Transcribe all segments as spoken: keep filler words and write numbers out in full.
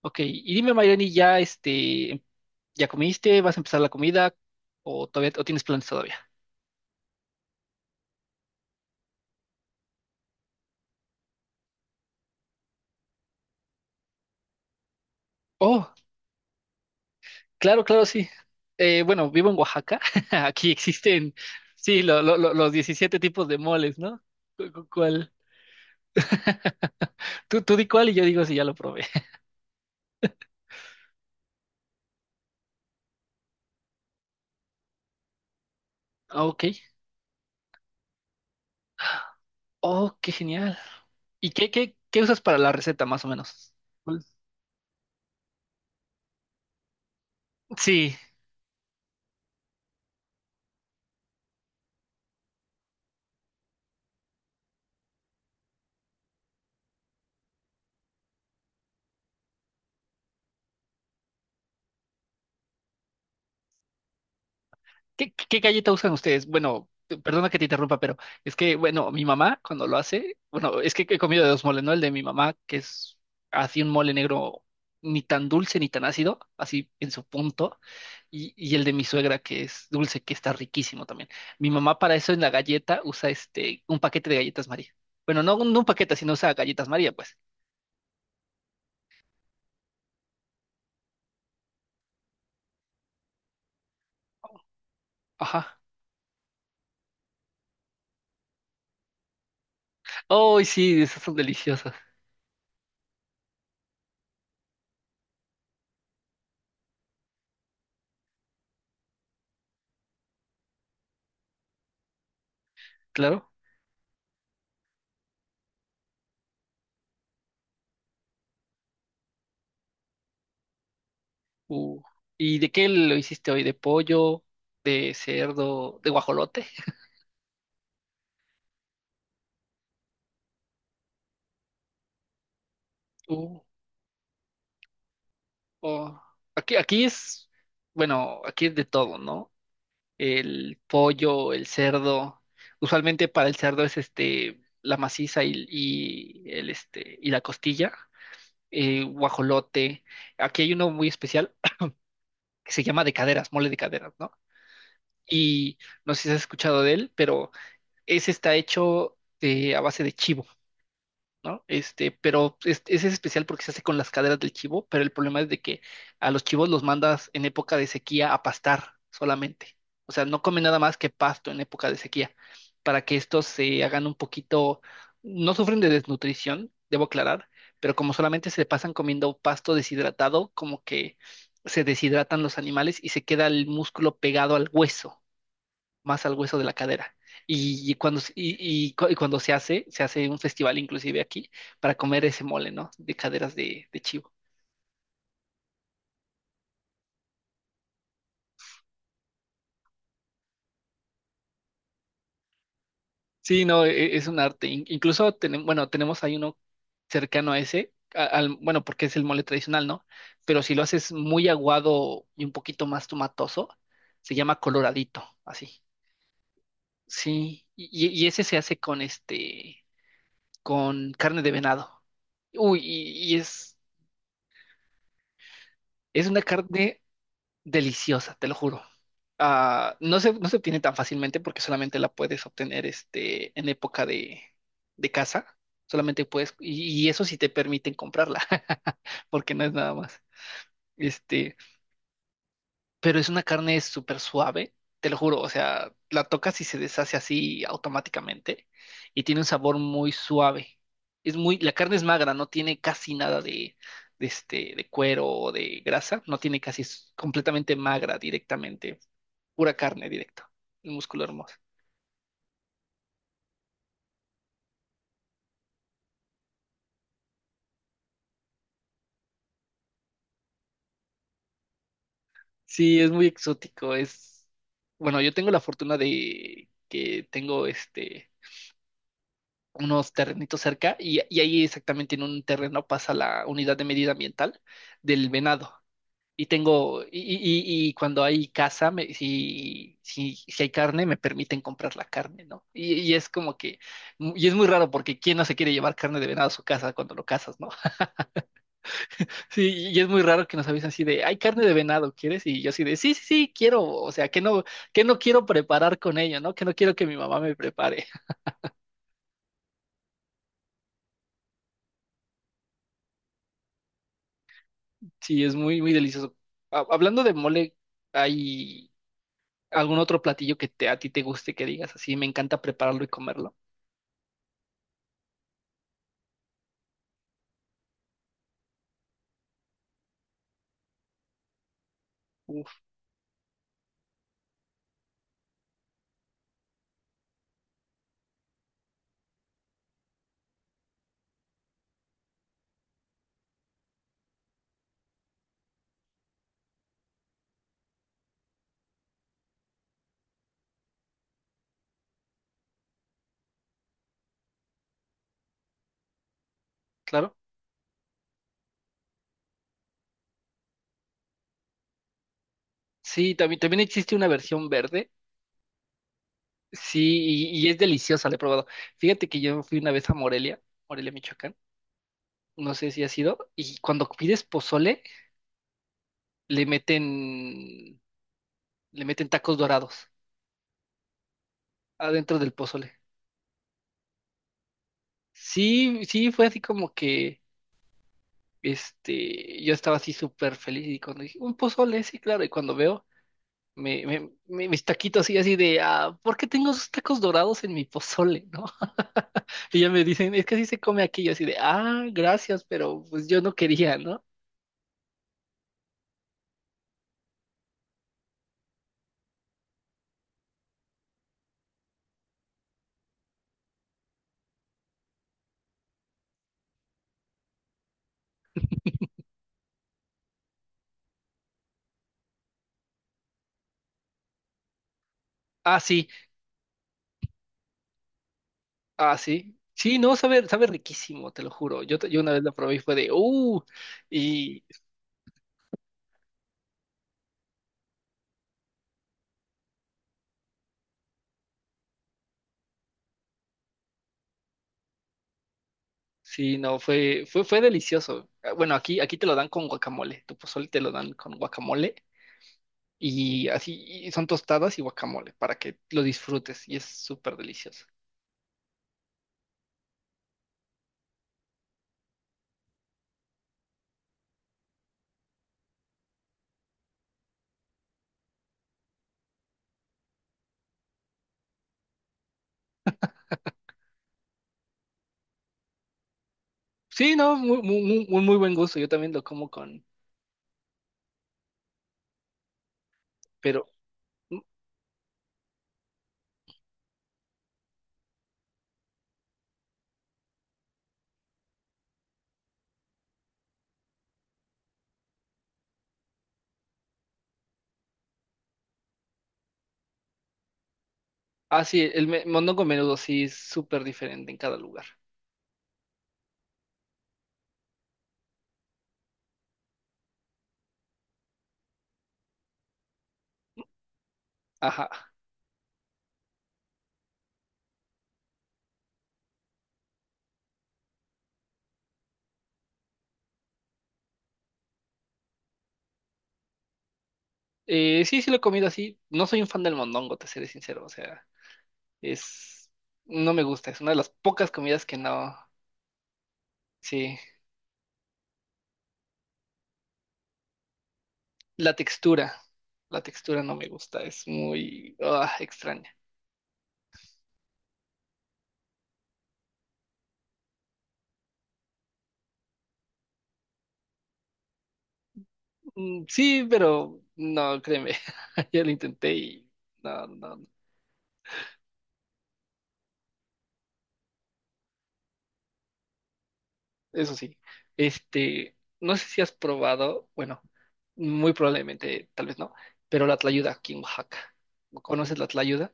Ok, y dime, Mayrani, ¿ya este, ya comiste? ¿Vas a empezar la comida? ¿O todavía o tienes planes todavía? Oh, claro, claro, sí. Eh, bueno, vivo en Oaxaca. Aquí existen, sí, lo- lo- lo- los diecisiete tipos de moles, ¿no? Cu- cu- ¿Cuál? Tú, tú di cuál y yo digo si ya lo probé. Ah, Ok. Oh, qué genial. ¿Y qué, qué, qué usas para la receta, más o menos? ¿Cuál? Sí. ¿Qué, qué galleta usan ustedes? Bueno, eh, perdona que te interrumpa, pero es que, bueno, mi mamá cuando lo hace, bueno, es que he comido de dos moles, ¿no? El de mi mamá, que es así un mole negro ni tan dulce ni tan ácido, así en su punto, y, y el de mi suegra, que es dulce, que está riquísimo también. Mi mamá para eso en la galleta usa este, un paquete de galletas María. Bueno, no, un- no un paquete, sino usa galletas María, pues. Ajá. Oh, sí, esas son deliciosas, claro. Uh, ¿y de qué lo hiciste hoy? ¿De pollo? ¿De cerdo? ¿De guajolote? Uh, oh. Aquí, aquí es, bueno, aquí es de todo, ¿no? El pollo, el cerdo. Usualmente para el cerdo es este, la maciza y, y el este, y la costilla. Eh, guajolote. Aquí hay uno muy especial que se llama de caderas, mole de caderas, ¿no? Y no sé si has escuchado de él, pero ese está hecho de, a base de chivo. ¿No? Este, pero es, ese es especial porque se hace con las caderas del chivo, pero el problema es de que a los chivos los mandas en época de sequía a pastar solamente. O sea, no comen nada más que pasto en época de sequía, para que estos se hagan un poquito, no sufren de desnutrición, debo aclarar, pero como solamente se pasan comiendo pasto deshidratado, como que se deshidratan los animales y se queda el músculo pegado al hueso más al hueso de la cadera. Y cuando, se- y, y cu- y cuando se hace, se hace un festival inclusive aquí para comer ese mole, ¿no? De caderas de, de chivo. Sí, no, e- es un arte. In- Incluso tenemos, bueno, tenemos ahí uno cercano a ese, a- al, bueno, porque es el mole tradicional, ¿no? Pero si lo haces muy aguado y un poquito más tomatoso, se llama coloradito, así. Sí, y, y y ese se hace con este, con carne de venado. Uy, y, y es, es una carne deliciosa, te lo juro. Ah, no se, no se obtiene tan fácilmente porque solamente la puedes obtener este, en época de, de caza. Solamente puedes, y, y eso sí te permiten comprarla, porque no es nada más. Este, pero es una carne súper suave, te lo juro. O sea, la tocas y se deshace así automáticamente. Y tiene un sabor muy suave. Es muy, la carne es magra, no tiene casi nada de, de este, de cuero o de grasa, no tiene casi, es completamente magra directamente pura carne directo, el músculo hermoso. Sí, es muy exótico, es... Bueno, yo tengo la fortuna de que tengo este, unos terrenitos cerca y, y ahí exactamente en un terreno pasa la unidad de medida ambiental del venado. Y tengo, y, y- y- y cuando hay caza, me- si, si, si hay carne, me permiten comprar la carne, ¿no? Y, y es como que, y es muy raro porque ¿quién no se quiere llevar carne de venado a su casa cuando lo cazas, ¿no? Sí, y es muy raro que nos avisen así de, hay carne de venado, ¿quieres? Y yo así de, sí, sí, sí, quiero, o sea, que no, que no quiero preparar con ello, ¿no? Que no quiero que mi mamá me prepare. Sí, es muy, muy delicioso. Ha- Hablando de mole, ¿hay algún otro platillo que te, a ti te guste que digas así? Me encanta prepararlo y comerlo. Uf, claro. Sí, también, también existe una versión verde. Sí, y, y es deliciosa, la he probado. Fíjate que yo fui una vez a Morelia, Morelia, Michoacán. No sé si ha sido. Y cuando pides pozole, le meten le meten tacos dorados adentro del pozole. Sí, sí, fue así como que, este, yo estaba así súper feliz y cuando dije, un pozole, sí, claro, y cuando veo, me, me- me- mis taquitos así, así de, ah, ¿por qué tengo esos tacos dorados en mi pozole, no? Y ya me dicen, es que así se come aquí, yo así de, ah, gracias, pero pues yo no quería, ¿no? Ah, sí, ah, sí. Sí, no, sabe, sabe riquísimo, te lo juro. Yo, te- yo una vez lo probé y fue de, uh. Sí, no, fue, fue, fue delicioso. Ah, bueno, aquí, aquí te lo dan con guacamole, tu pozole te lo dan con guacamole y así y son tostadas y guacamole para que lo disfrutes y es súper delicioso. Sí, no, muy, muy, muy, muy muy buen gusto, yo también lo como con, pero, mm, ah, sí, el me- mondongo menudo sí es súper diferente en cada lugar. Ajá. Eh, sí, sí lo he comido así, no soy un fan del mondongo, te seré sincero, o sea, es, no me gusta, es una de las pocas comidas que no, sí. La textura, la textura no me gusta, es muy ah, extraña. Mm, sí, pero no, créeme, ya lo intenté y no, no, no. Eso sí. Este, no sé si has probado, bueno, muy probablemente, tal vez no, pero la tlayuda aquí en Oaxaca. ¿Conoces la tlayuda?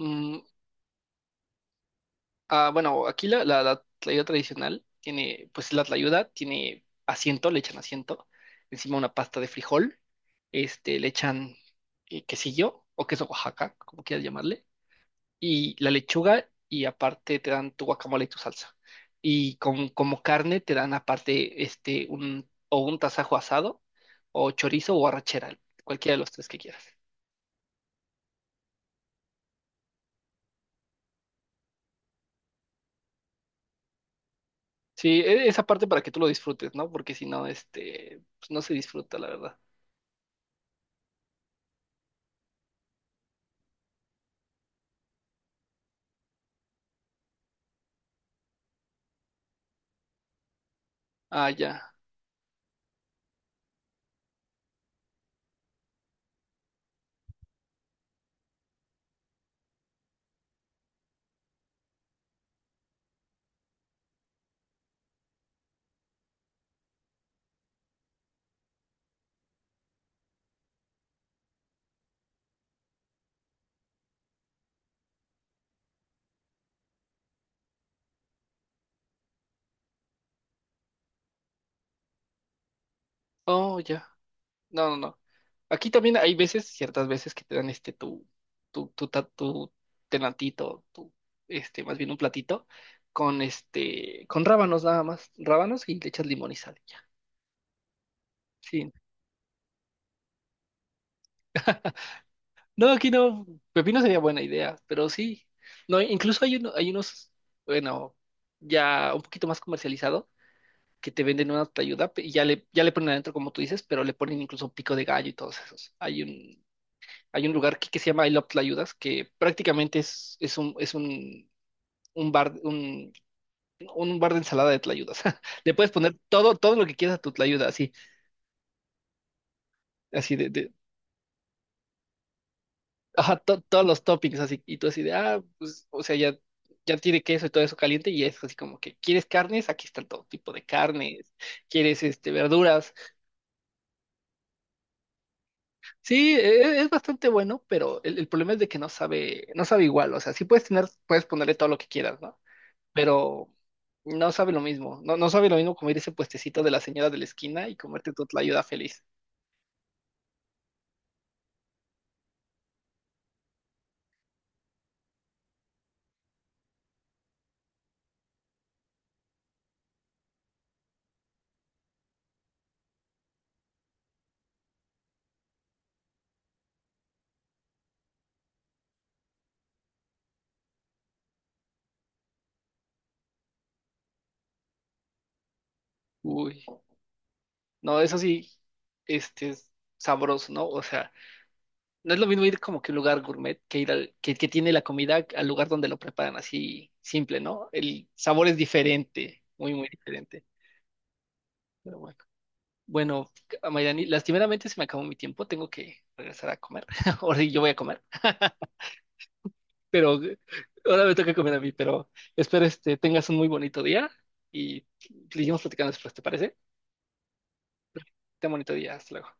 Mm. Ah, bueno, aquí la, la, la tlayuda tradicional tiene, pues la tlayuda tiene asiento, le echan asiento, encima una pasta de frijol, este, le echan eh, quesillo o queso Oaxaca, como quieras llamarle, y la lechuga y aparte te dan tu guacamole y tu salsa. Y con, como carne te dan aparte este, un, o un tasajo asado o chorizo o arrachera, cualquiera de los tres que quieras. Sí, e- esa parte para que tú lo disfrutes, ¿no? Porque si no, este, pues no se disfruta, la verdad. Ah, ya. Oh, ya. No, no, no. Aquí también hay veces, ciertas veces que te dan este tu, tu, tu, ta- tu tenantito, tu, este, más bien un platito con este, con rábanos nada más, rábanos y le echas limón y sal, ya. Sí. No, aquí no, pepino sería buena idea, pero sí. No, incluso hay uno, hay unos, bueno, ya un poquito más comercializado que te venden una tlayuda pe- y ya le, ya le ponen adentro como tú dices, pero le ponen incluso pico de gallo y todos esos. Hay un, hay un lugar que, que se llama I Love Tlayudas, que prácticamente es, es un, es un, un bar, un, un bar de ensalada de tlayudas. Le puedes poner todo, todo lo que quieras a tu tlayuda, así, así de, de- ajá, to- todos los toppings, así, y tú así de, ah, pues, o sea, ya, ya tiene queso y todo eso caliente, y es así como que, ¿quieres carnes? Aquí están todo tipo de carnes, ¿quieres, este, verduras? Sí, e- e- es, bastante bueno, pero el, el problema es de que no sabe, no sabe igual, o sea, sí puedes tener, puedes ponerle todo lo que quieras, ¿no? Pero no sabe lo mismo. No, no sabe lo mismo comer ese puestecito de la señora de la esquina y comerte tu tlayuda feliz. Uy, no, eso sí, este es sabroso, ¿no? O sea, no es lo mismo ir como que a un lugar gourmet que ir al, que, que tiene la comida al lugar donde lo preparan así simple, ¿no? El sabor es diferente, muy, muy diferente. Pero bueno. Bueno, Mayrani, lastimeramente se me acabó mi tiempo, tengo que regresar a comer. Ahora sí, yo voy a comer. Pero ahora me toca comer a mí, pero espero este, tengas un muy bonito día y seguimos platicando después, ¿te parece? Ten bonito día, hasta luego.